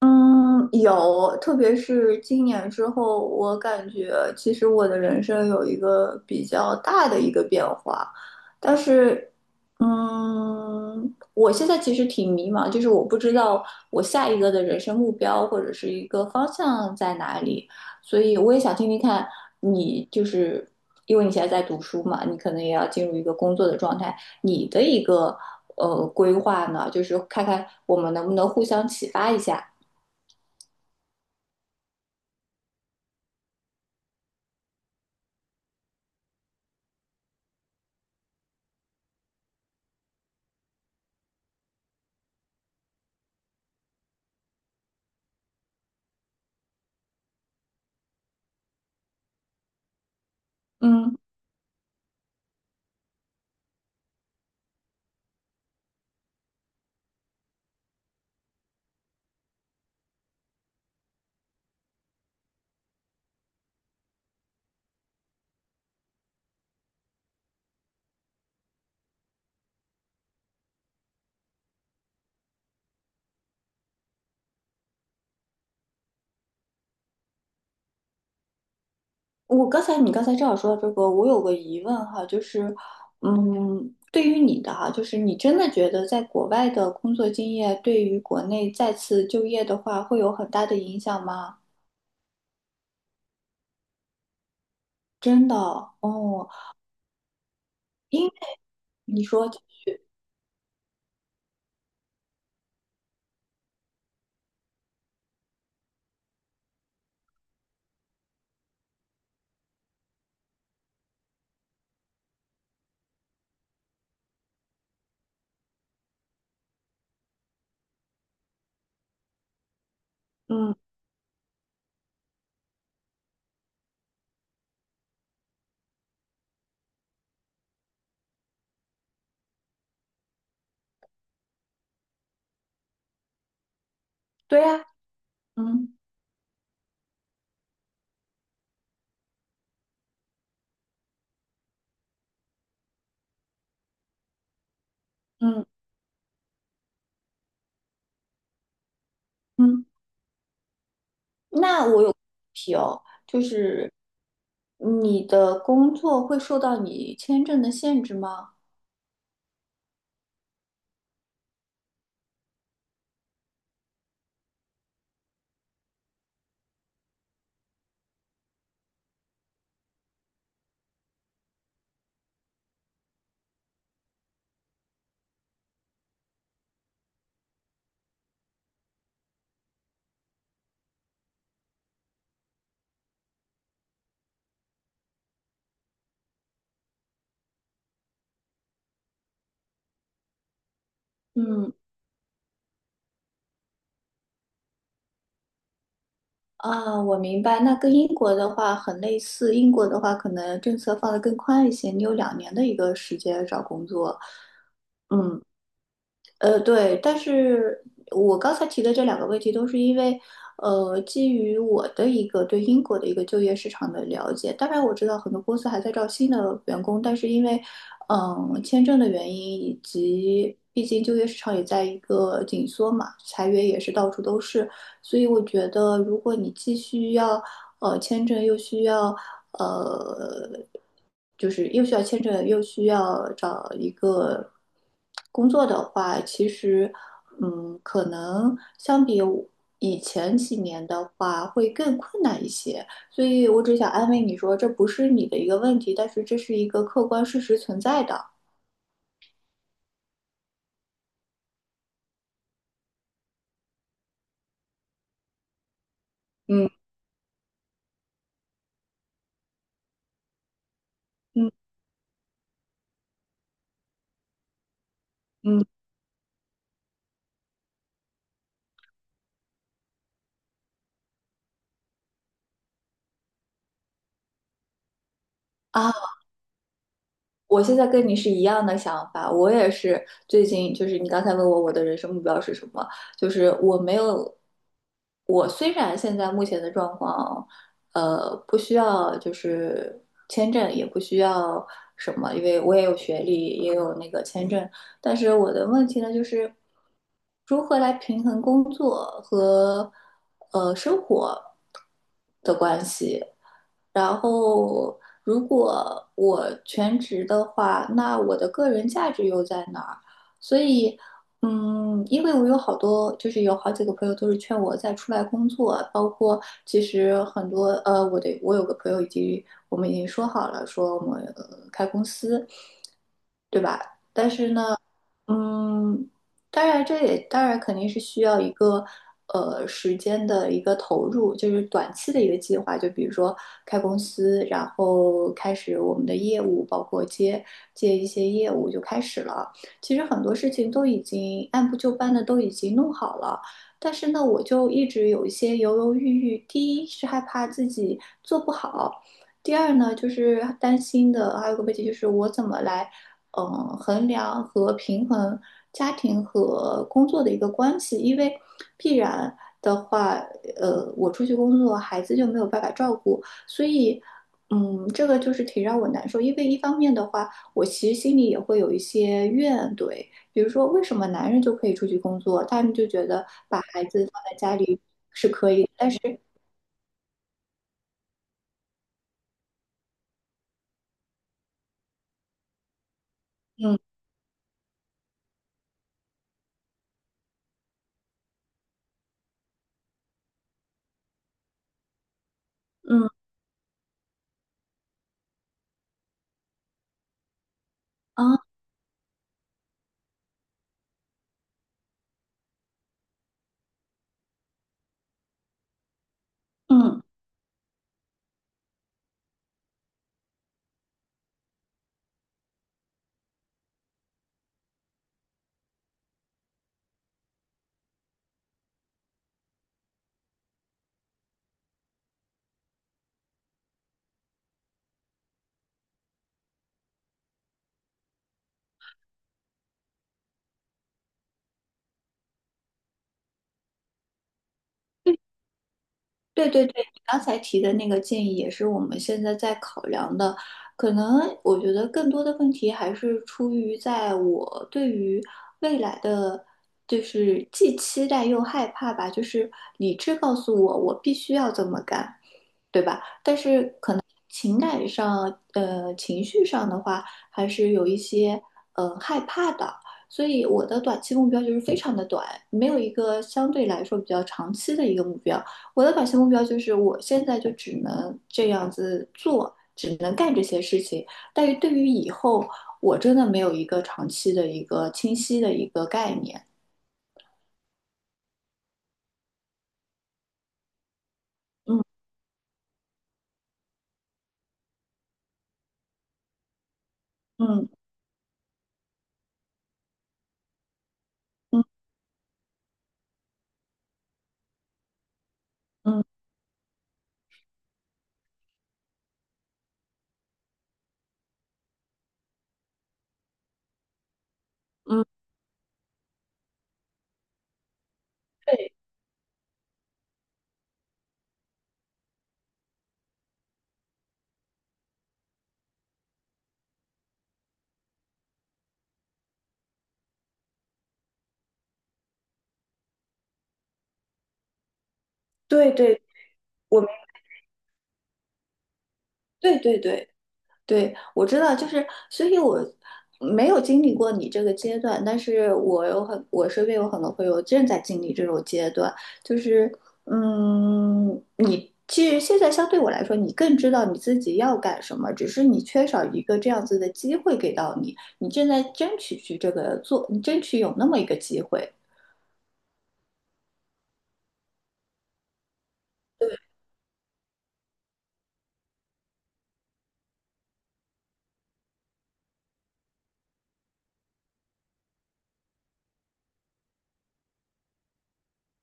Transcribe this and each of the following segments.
嗯，有。特别是今年之后，我感觉其实我的人生有一个比较大的一个变化。但是，我现在其实挺迷茫，就是我不知道我下一个的人生目标或者是一个方向在哪里，所以我也想听听看你，就是因为你现在在读书嘛，你可能也要进入一个工作的状态，你的一个规划呢，就是看看我们能不能互相启发一下。嗯。我刚才你刚才正好说到这个，我有个疑问哈，就是，对于你的哈，就是你真的觉得在国外的工作经验对于国内再次就业的话会有很大的影响吗？真的哦，因为你说，嗯，对呀，嗯嗯嗯，那我有问题哦，就是你的工作会受到你签证的限制吗？嗯。啊，我明白。那跟英国的话很类似，英国的话可能政策放得更宽一些，你有2年的一个时间找工作。嗯，对。但是我刚才提的这两个问题，都是因为，基于我的一个对英国的一个就业市场的了解。当然，我知道很多公司还在招新的员工，但是因为，签证的原因以及。毕竟就业市场也在一个紧缩嘛，裁员也是到处都是，所以我觉得，如果你继续要签证又需要呃，就是又需要签证，又需要找一个工作的话，其实可能相比我以前几年的话，会更困难一些。所以我只想安慰你说，这不是你的一个问题，但是这是一个客观事实存在的。嗯嗯嗯。啊。我现在跟你是一样的想法，我也是最近就是你刚才问我我的人生目标是什么，就是我没有，我虽然现在目前的状况，不需要就是签证，也不需要什么，因为我也有学历，也有那个签证，但是我的问题呢就是如何来平衡工作和生活。然后，如果我全职的话，那我的个人价值又在哪儿？所以，因为我有好多，就是有好几个朋友都是劝我再出来工作，包括其实很多，我有个朋友已经，我们已经说好了，说我们开公司。但是呢，嗯，当然这也当然肯定是需要一个时间的一个投入，就是短期的一个计划，就比如说开公司，然后开始我们的业务，包括接一些业务就开始了。其实很多事情都已经按部就班的都已经弄好了。但是呢，我就一直有一些犹犹豫豫。第一是害怕自己做不好，第二呢，就是担心的，还有个问题就是我怎么来衡量和平衡家庭和工作的一个关系。因为必然的话，我出去工作，孩子就没有办法照顾，所以，这个就是挺让我难受。因为一方面的话，我其实心里也会有一些怨怼，比如说为什么男人就可以出去工作，他们就觉得把孩子放在家里，但是，嗯嗯啊嗯。对对对，你刚才提的那个建议也是我们现在在考量的。可能我觉得更多的问题还是出于在我对于未来的，就是既期待又害怕吧。就是理智告诉我，我必须要这么干，对吧？情感上，情绪上的话，还是有一些害怕的。所以我的短期目标就是非常的短，没有一个相对来说比较长期的一个目标。我的短期目标就是我现在就只能这样子做，只能干这些事情。但是对于以后，我真的没有一个长期的一个清晰的一个概念。嗯嗯嗯嗯嗯，对对对，我们对对对。对，我知道，就是，所以我没有经历过你这个阶段，但是我身边有很多朋友正在经历这种阶段，就是，你其实现在相对我来说，你更知道你自己要干什么，只是你缺少一个这样子的机会给到你，你正在争取去这个做，你争取有那么一个机会。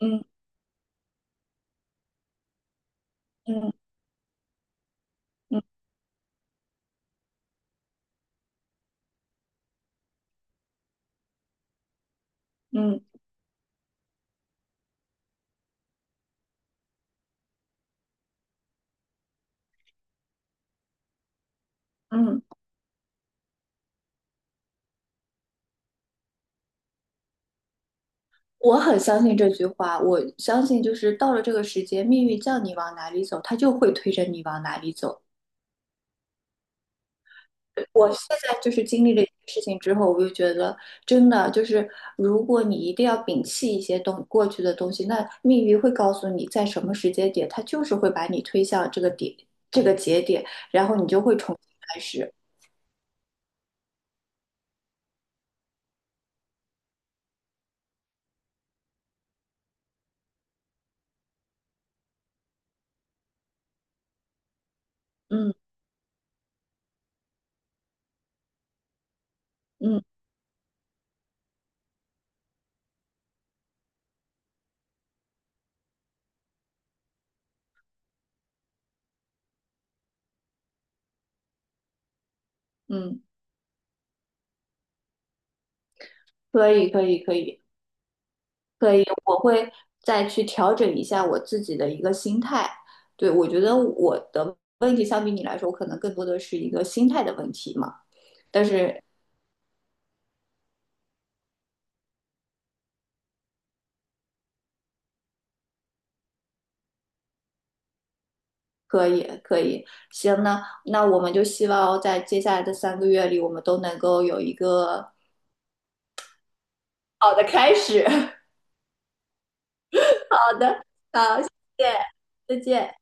嗯嗯嗯嗯嗯。我很相信这句话，我相信就是到了这个时间，命运叫你往哪里走，它就会推着你往哪里走。我现在就是经历了一件事情之后，我就觉得真的就是，如果你一定要摒弃一些东过去的东西，那命运会告诉你在什么时间点，它就是会把你推向这个点，这个节点，然后你就会重新开始。嗯嗯嗯，可以可以可以。可以，我会再去调整一下我自己的一个心态。对，我觉得我的问题相比你来说，我可能更多的是一个心态的问题嘛。但是可以，可以，行，那我们就希望在接下来的3个月里，我们都能够有一个好的开始。好的，好，谢谢，再见。